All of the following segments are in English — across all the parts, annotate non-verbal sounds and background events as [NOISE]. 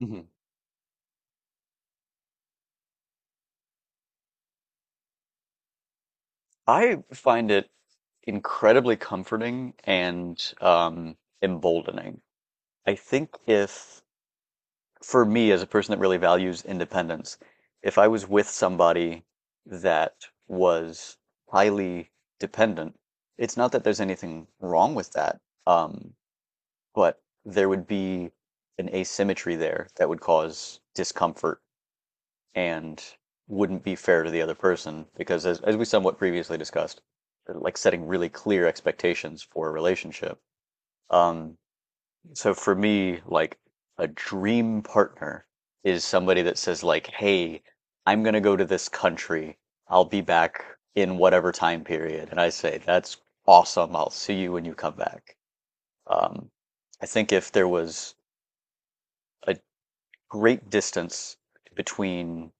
Mhm. I find it incredibly comforting and emboldening. I think if, for me as a person that really values independence, if I was with somebody that was highly dependent, it's not that there's anything wrong with that, um, but there would be an asymmetry there that would cause discomfort and wouldn't be fair to the other person because as we somewhat previously discussed, like setting really clear expectations for a relationship. Um so for me, like a dream partner is somebody that says, like, hey, I'm going to go to this country, I'll be back in whatever time period, and I say that's awesome, I'll see you when you come back. um I think if there was a great distance between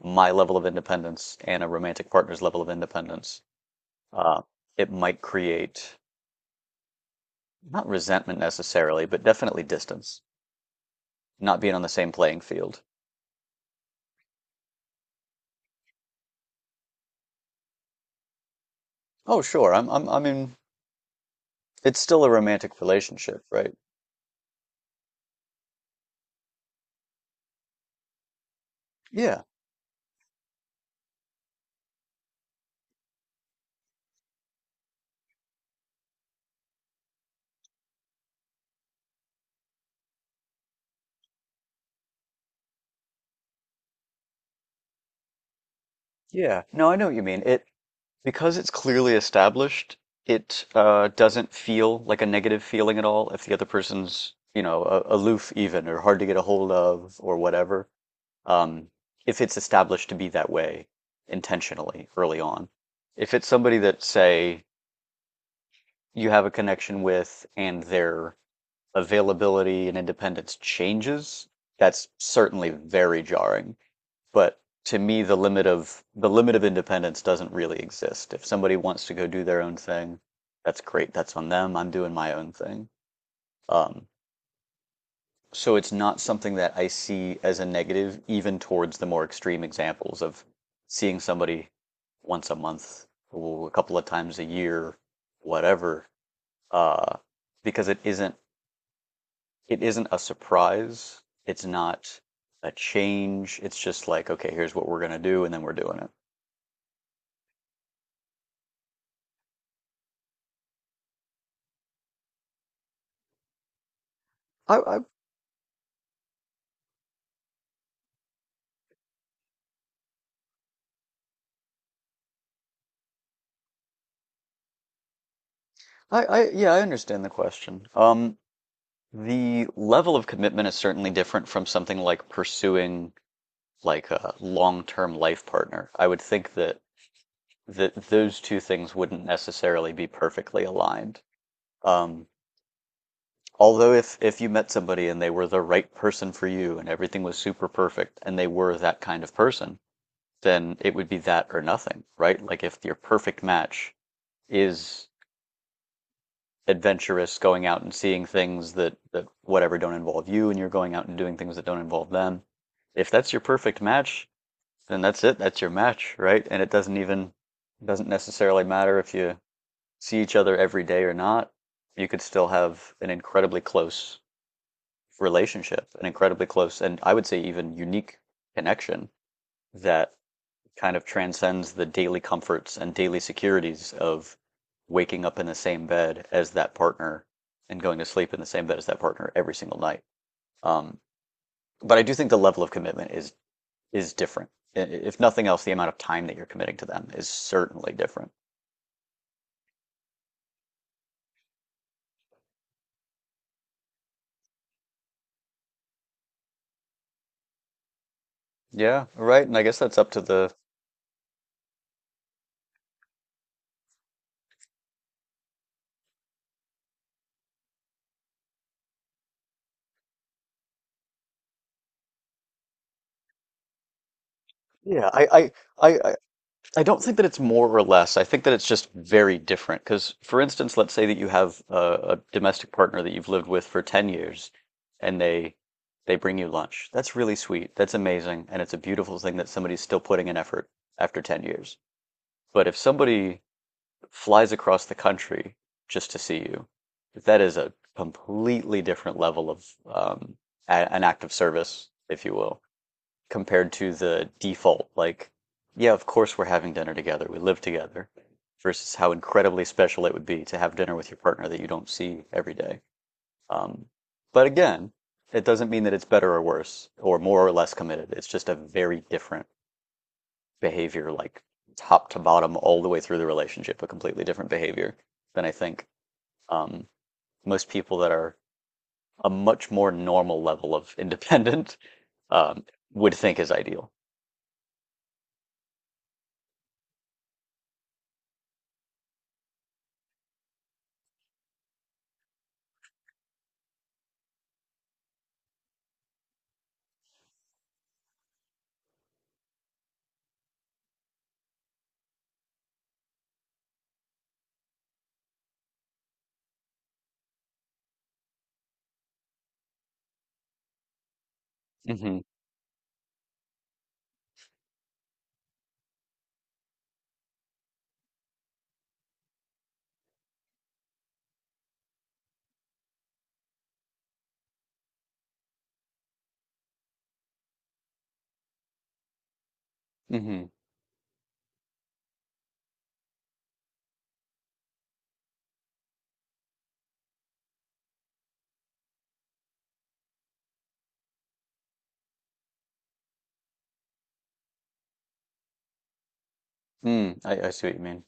my level of independence and a romantic partner's level of independence, uh, it might create not resentment necessarily, but definitely distance, not being on the same playing field. Oh, sure, I mean, it's still a romantic relationship, right? Yeah, yeah. No, I know what you mean. It because it's clearly established, it doesn't feel like a negative feeling at all if the other person's, you know, aloof even or hard to get a hold of or whatever. um, if it's established to be that way intentionally early on. If it's somebody that, say, you have a connection with and their availability and independence changes, that's certainly very jarring. But to me, the limit of independence doesn't really exist. If somebody wants to go do their own thing, that's great. That's on them. I'm doing my own thing. Um, So it's not something that I see as a negative, even towards the more extreme examples of seeing somebody once a month or a couple of times a year, whatever, uh, because it isn't a surprise. It's not a change. It's just like, okay, here's what we're gonna do, and then we're doing it. I, I, I yeah, I understand the question. The level of commitment is certainly different from something like pursuing like a long-term life partner. I would think that those two things wouldn't necessarily be perfectly aligned. Um, although if you met somebody and they were the right person for you and everything was super perfect and they were that kind of person, then it would be that or nothing, right? Like if your perfect match is adventurous, going out and seeing things that whatever don't involve you, and you're going out and doing things that don't involve them. If that's your perfect match, then that's it. That's your match, right? And it doesn't necessarily matter if you see each other every day or not. You could still have an incredibly close relationship, an incredibly close, and I would say even unique connection that kind of transcends the daily comforts and daily securities of waking up in the same bed as that partner and going to sleep in the same bed as that partner every single night. Um, but I do think the level of commitment is different. If nothing else, the amount of time that you're committing to them is certainly different. Yeah, right. And I guess that's up to the— yeah, I I- I don't think that it's more or less. I think that it's just very different. Because, for instance, let's say that you have a domestic partner that you've lived with for 10 years and they bring you lunch. That's really sweet. That's amazing. And it's a beautiful thing that somebody's still putting in effort after 10 years. But if somebody flies across the country just to see you. That is a completely different level of um, an act of service, if you will, compared to the default. Like, yeah, of course we're having dinner together. We live together. Versus how incredibly special it would be to have dinner with your partner that you don't see every day. Um, but again, it doesn't mean that it's better or worse or more or less committed. It's just a very different behavior, like top to bottom all the way through the relationship, a completely different behavior than I think, um, most people that are a much more normal level of [LAUGHS] independent um, would think is ideal. Hmm. Hmm. Mm, I see what you mean.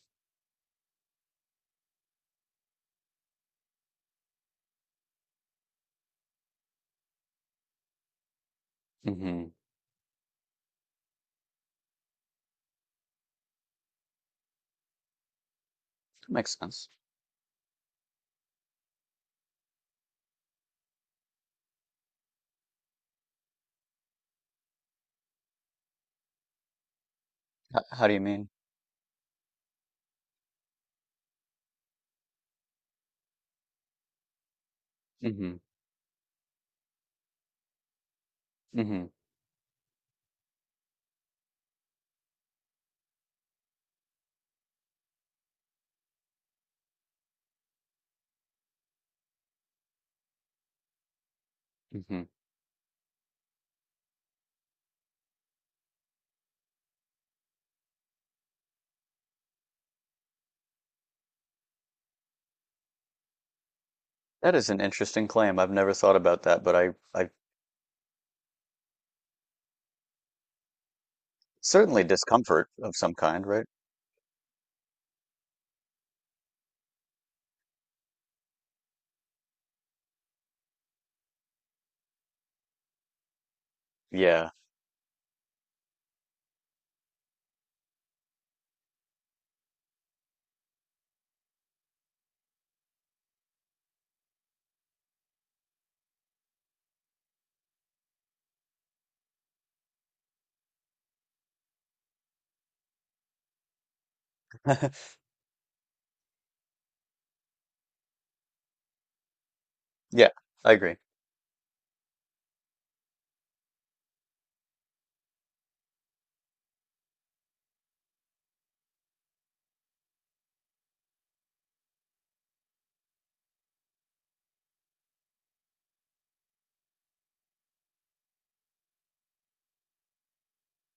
Hmm. Makes sense. H- how do you mean? Hmm. Hmm. Hmm. That is an interesting claim, I've never thought about that, but I— I certainly— discomfort of some kind, right? Yeah. [LAUGHS] Yeah, I agree.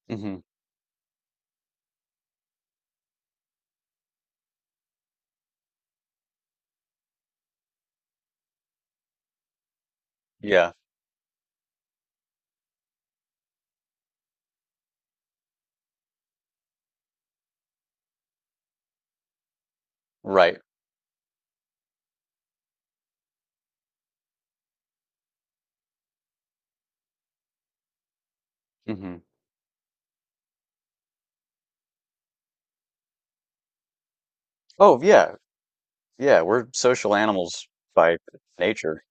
Hmm. Yeah, right. Hmm. Oh, yeah. Yeah, we're social animals by nature.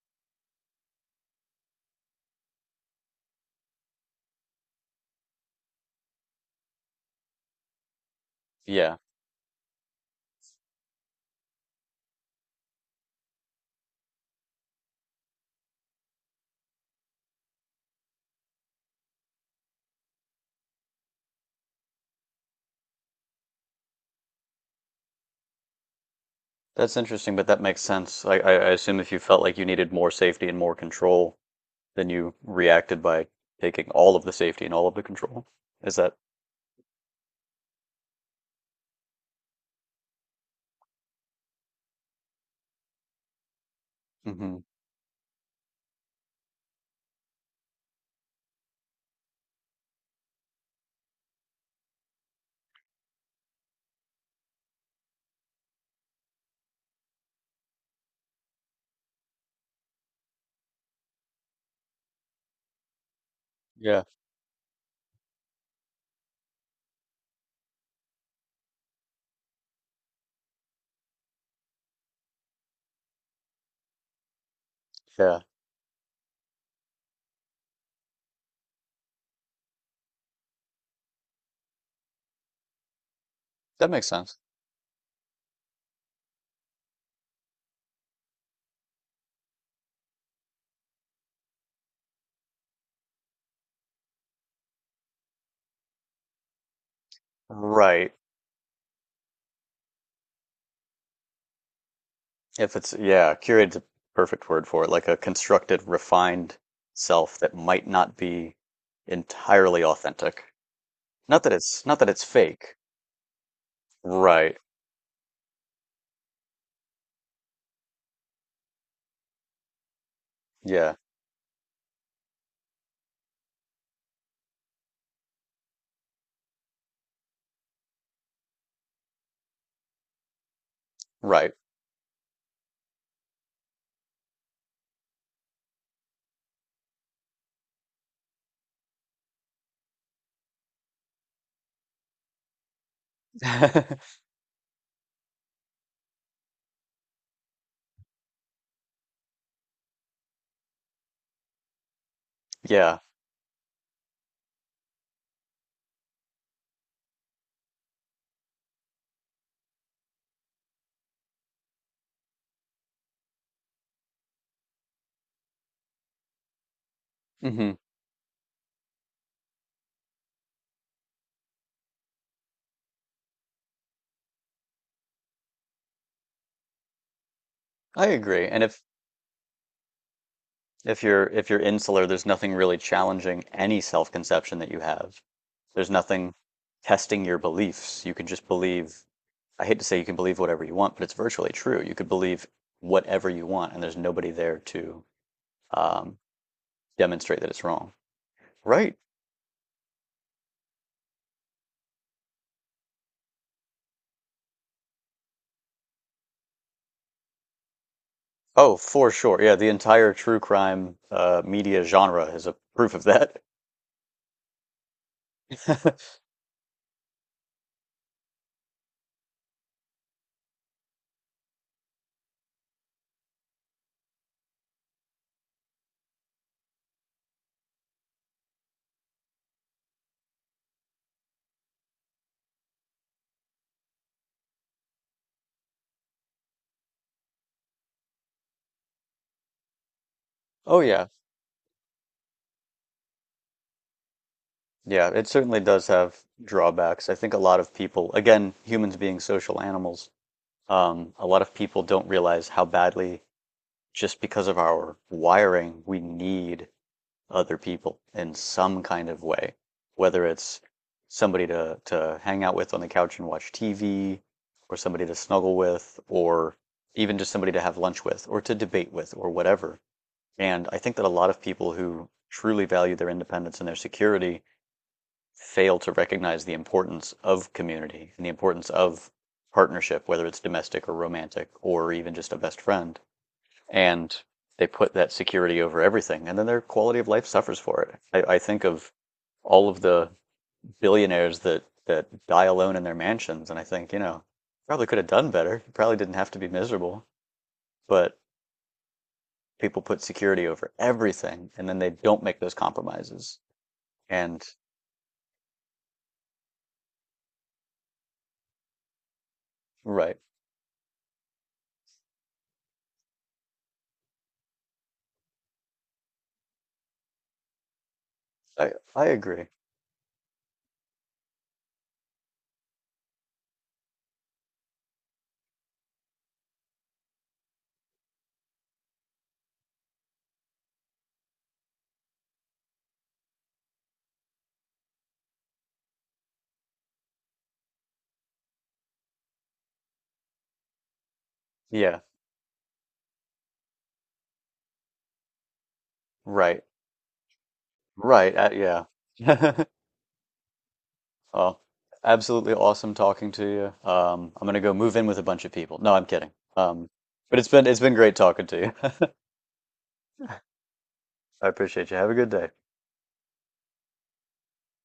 Yeah. That's interesting, but that makes sense. I assume if you felt like you needed more safety and more control, then you reacted by taking all of the safety and all of the control. Is that? Hmm. Yeah. Yeah. That makes sense. Right. If it's, yeah, curated's a perfect word for it, like a constructed, refined self that might not be entirely authentic. Not that it's fake. Right. Yeah. Right. [LAUGHS] Yeah. Hmm. I agree. And if you're insular, there's nothing really challenging any self-conception that you have. There's nothing testing your beliefs. You can just believe— I hate to say you can believe whatever you want, but it's virtually true. You could believe whatever you want, and there's nobody there to um, demonstrate that it's wrong. Right. Oh, for sure. Yeah, the entire true crime media genre is a proof of that. [LAUGHS] Oh yeah, yeah, it certainly does have drawbacks. I think a lot of people, again, humans being social animals, a lot of people don't realize how badly, just because of our wiring, we need other people in some kind of way, whether it's somebody to hang out with on the couch and watch TV, or somebody to snuggle with, or even just somebody to have lunch with, or to debate with, or whatever. And I think that a lot of people who truly value their independence and their security fail to recognize the importance of community and the importance of partnership, whether it's domestic or romantic or even just a best friend. And they put that security over everything. And then their quality of life suffers for it. I think of all of the billionaires that, die alone in their mansions. And I think, you know, probably could have done better. Probably didn't have to be miserable. But people put security over everything and then they don't make those compromises. And right. I agree. Yeah. Right. Right. Yeah. [LAUGHS] Well, absolutely awesome talking to you. I'm gonna go move in with a bunch of people. No, I'm kidding. Um, but it's been great talking to you. [LAUGHS] I appreciate you. Have a good day.